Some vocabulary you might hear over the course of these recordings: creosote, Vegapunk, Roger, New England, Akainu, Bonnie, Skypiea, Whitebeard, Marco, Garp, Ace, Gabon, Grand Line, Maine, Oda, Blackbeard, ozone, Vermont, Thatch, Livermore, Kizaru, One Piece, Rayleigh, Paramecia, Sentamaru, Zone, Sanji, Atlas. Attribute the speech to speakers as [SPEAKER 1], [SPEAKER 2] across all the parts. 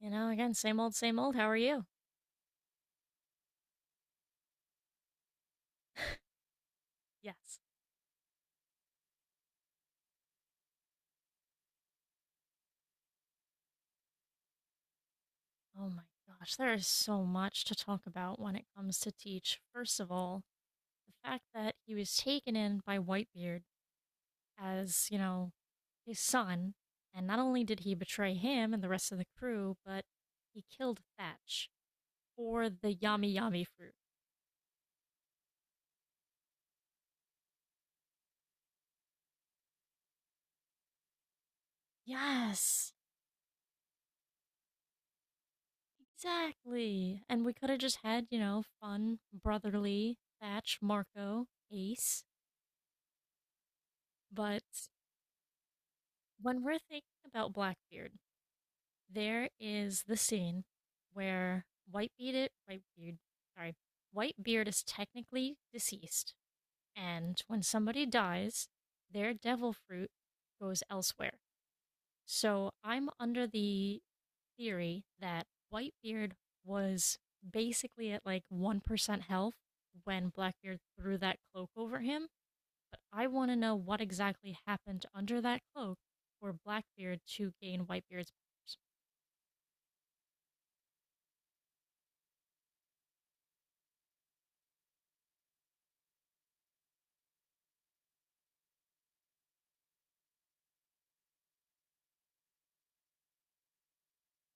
[SPEAKER 1] You know, again, same old, same old. How are you? Yes. Oh my gosh, there is so much to talk about when it comes to Teach. First of all, the fact that he was taken in by Whitebeard as, you know, his son, and not only did he betray him and the rest of the crew, but he killed Thatch for the yummy yummy fruit. Yes, exactly. And we could have just had, you know, fun, brotherly Thatch, Marco, Ace, but when we're thinking about Blackbeard, there is the scene where Whitebeard, Whitebeard, sorry, Whitebeard is technically deceased, and when somebody dies, their devil fruit goes elsewhere. So I'm under the theory that Whitebeard was basically at like 1% health when Blackbeard threw that cloak over him. I want to know what exactly happened under that cloak for Blackbeard to gain Whitebeard's powers.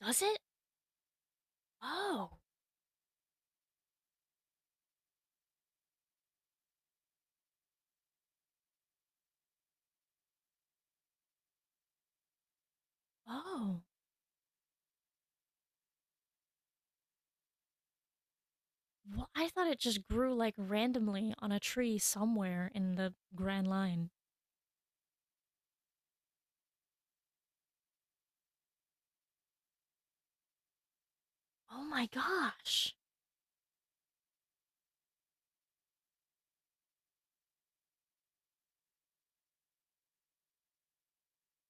[SPEAKER 1] Does it? Oh. Oh, well, I thought it just grew like randomly on a tree somewhere in the Grand Line. Oh my gosh.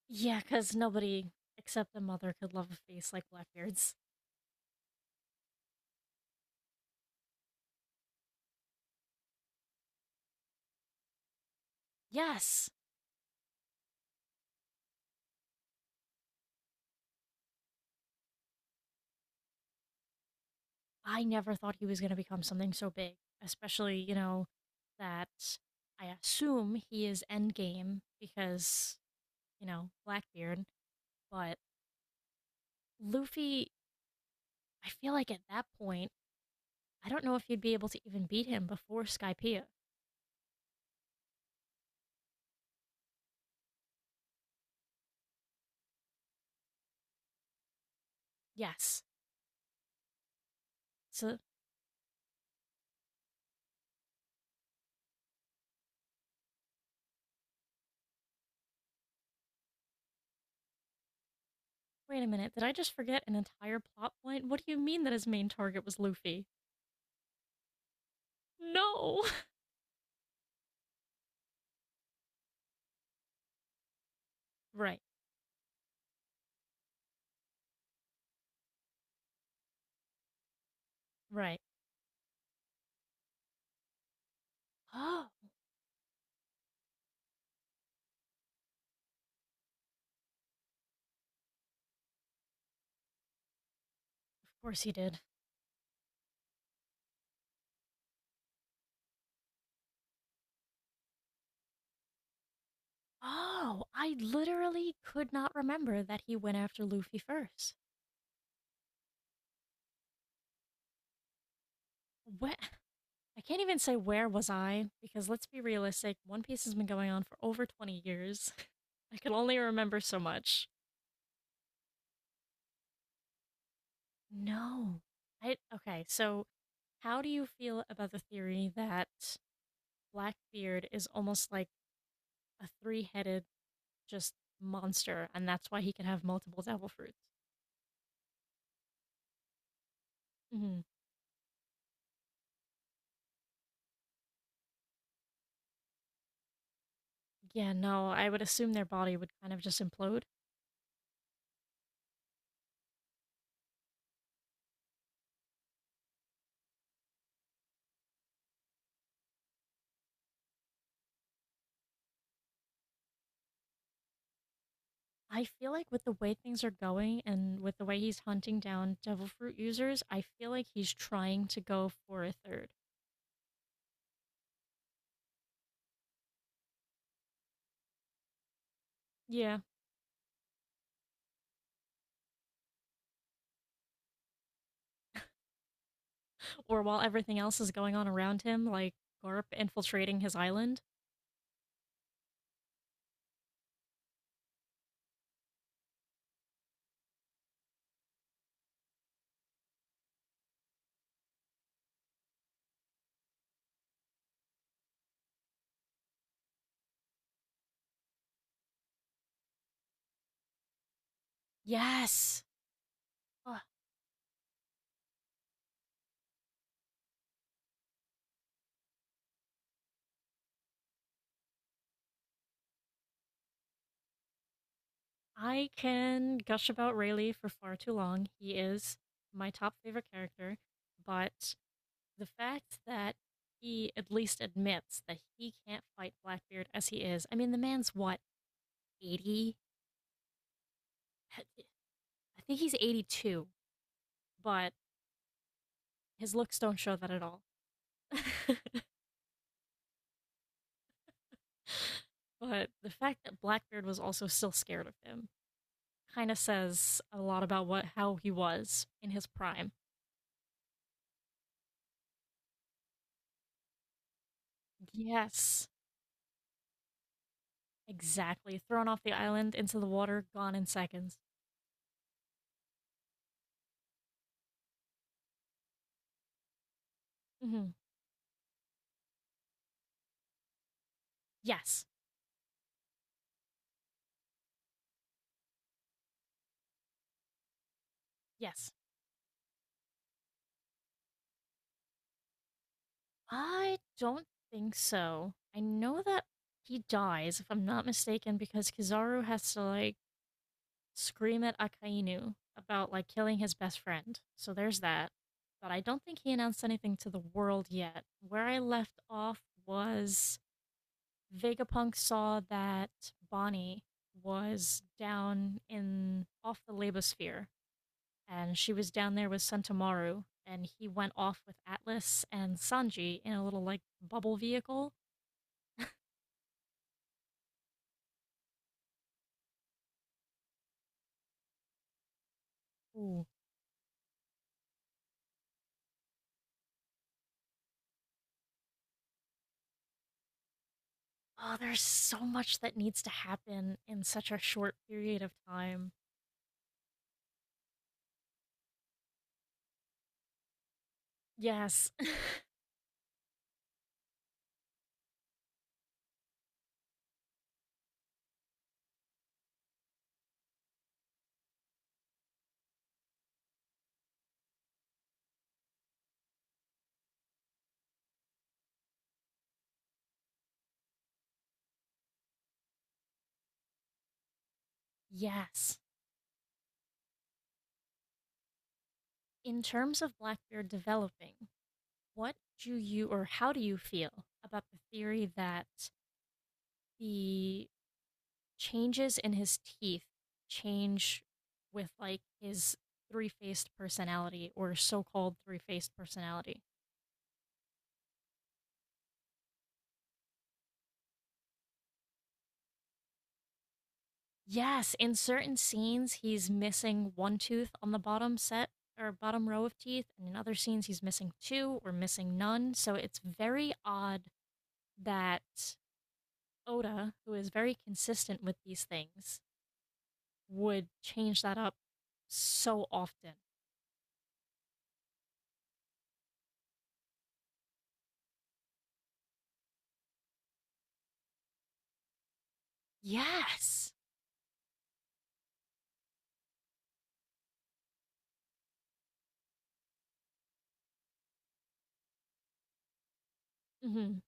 [SPEAKER 1] Yeah, because nobody except the mother could love a face like Blackbeard's. Yes, I never thought he was going to become something so big, especially, you know, that I assume he is endgame because, you know, Blackbeard. But Luffy, I feel like at that point, I don't know if you'd be able to even beat him before Skypiea. Yes. So, wait a minute. Did I just forget an entire plot point? What do you mean that his main target was Luffy? No. right, right. Oh, of course he did. Oh, I literally could not remember that he went after Luffy first. What? I can't even say where was I because let's be realistic, One Piece has been going on for over 20 years. I can only remember so much. No. I Okay, so how do you feel about the theory that Blackbeard is almost like a three-headed just monster and that's why he can have multiple devil fruits? hmm Yeah, no, I would assume their body would kind of just implode. I feel like with the way things are going and with the way he's hunting down devil fruit users, I feel like he's trying to go for a third. Yeah. Or while everything else is going on around him, like Garp infiltrating his island. Yes. Ugh. I can gush about Rayleigh for far too long. He is my top favorite character, but the fact that he at least admits that he can't fight Blackbeard as he is. I mean, the man's what, 80? I think he's 82, but his looks don't show that at all. but the fact that Blackbeard was also still scared of him kind of says a lot about what how he was in his prime. Yes, exactly. Thrown off the island into the water, gone in seconds. hmm Yes. Yes. I don't think so. I know that he dies, if I'm not mistaken, because Kizaru has to, like, scream at Akainu about, like, killing his best friend. So there's that. But I don't think he announced anything to the world yet. Where I left off was Vegapunk saw that Bonnie was down in off the labosphere and she was down there with Sentamaru, and he went off with Atlas and Sanji in a little like bubble vehicle. Ooh. Oh, there's so much that needs to happen in such a short period of time. Yes. yes. In terms of Blackbeard developing, what do you or how do you feel about the theory that the changes in his teeth change with like his three faced personality or so called three faced personality? Yes, in certain scenes, he's missing one tooth on the bottom set or bottom row of teeth, and in other scenes, he's missing two or missing none. So it's very odd that Oda, who is very consistent with these things, would change that up so often. Yes. hmm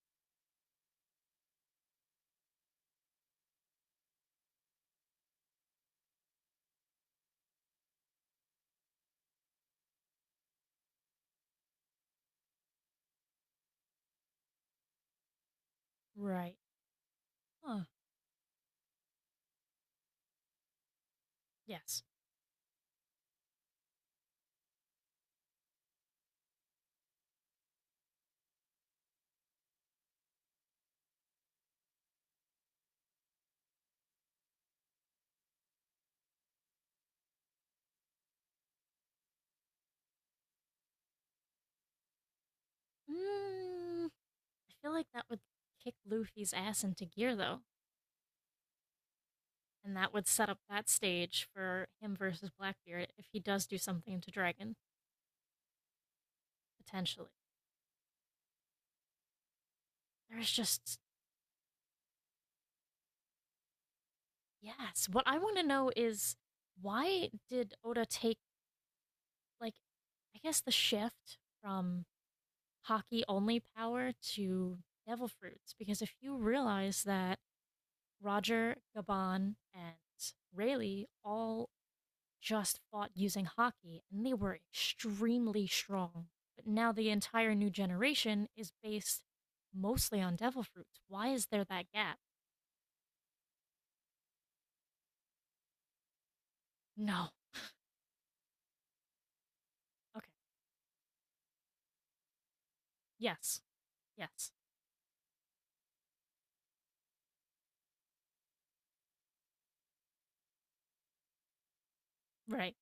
[SPEAKER 1] Right. Huh. Yes. Mm, I feel like that would kick Luffy's ass into gear, though, and that would set up that stage for him versus Blackbeard if he does do something to Dragon potentially. There's just yes. What I want to know is why did Oda take like I guess the shift from hockey only power to devil fruits because if you realize that Roger, Gabon, and Rayleigh all just fought using hockey and they were extremely strong. But now the entire new generation is based mostly on devil fruits. Why is there that gap? No. Okay. Yes. Yes. Right.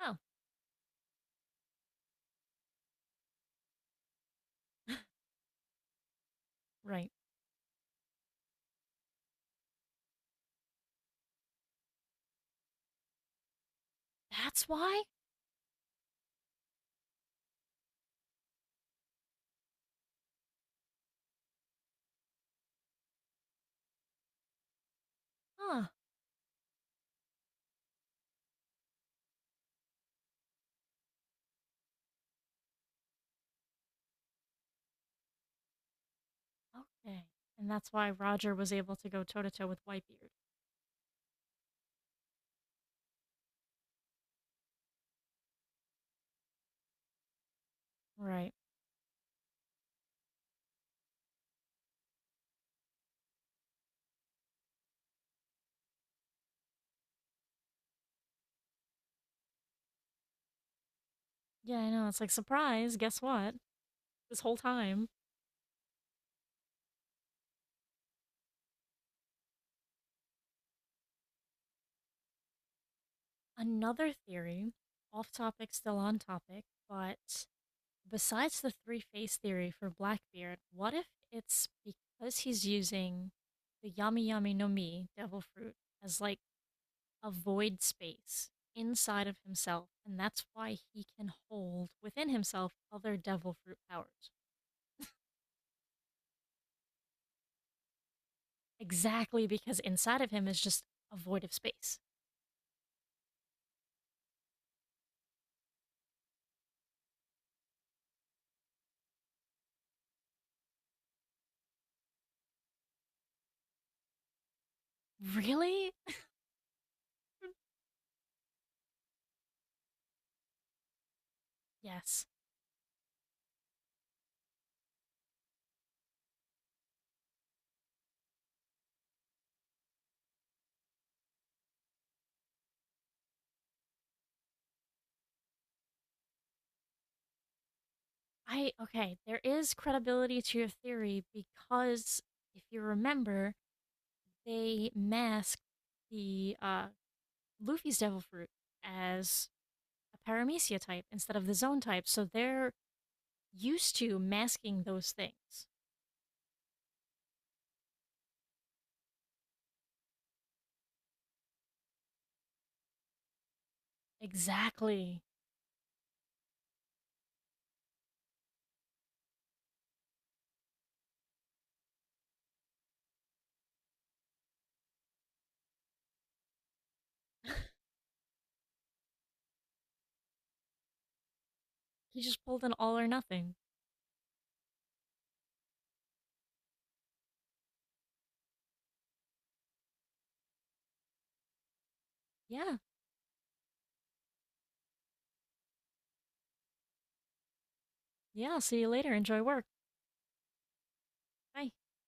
[SPEAKER 1] Oh, right. That's why? Huh. Okay. And that's why Roger was able to go toe to toe with Whitebeard. Right. Yeah, I know. It's like, surprise, guess what? This whole time. Another theory, off topic, still on topic, but besides the three phase theory for Blackbeard, what if it's because he's using the Yami Yami no Mi, devil fruit, as like a void space inside of himself, and that's why he can hold within himself other devil fruit powers? Exactly, because inside of him is just a void of space. Really? yes. I Okay, there is credibility to your theory because if you remember, they masked the Luffy's Devil Fruit as a Paramecia type instead of the Zone type, so they're used to masking those things. Exactly. He just pulled an all or nothing. Yeah. Yeah. See you later. Enjoy work. Bye.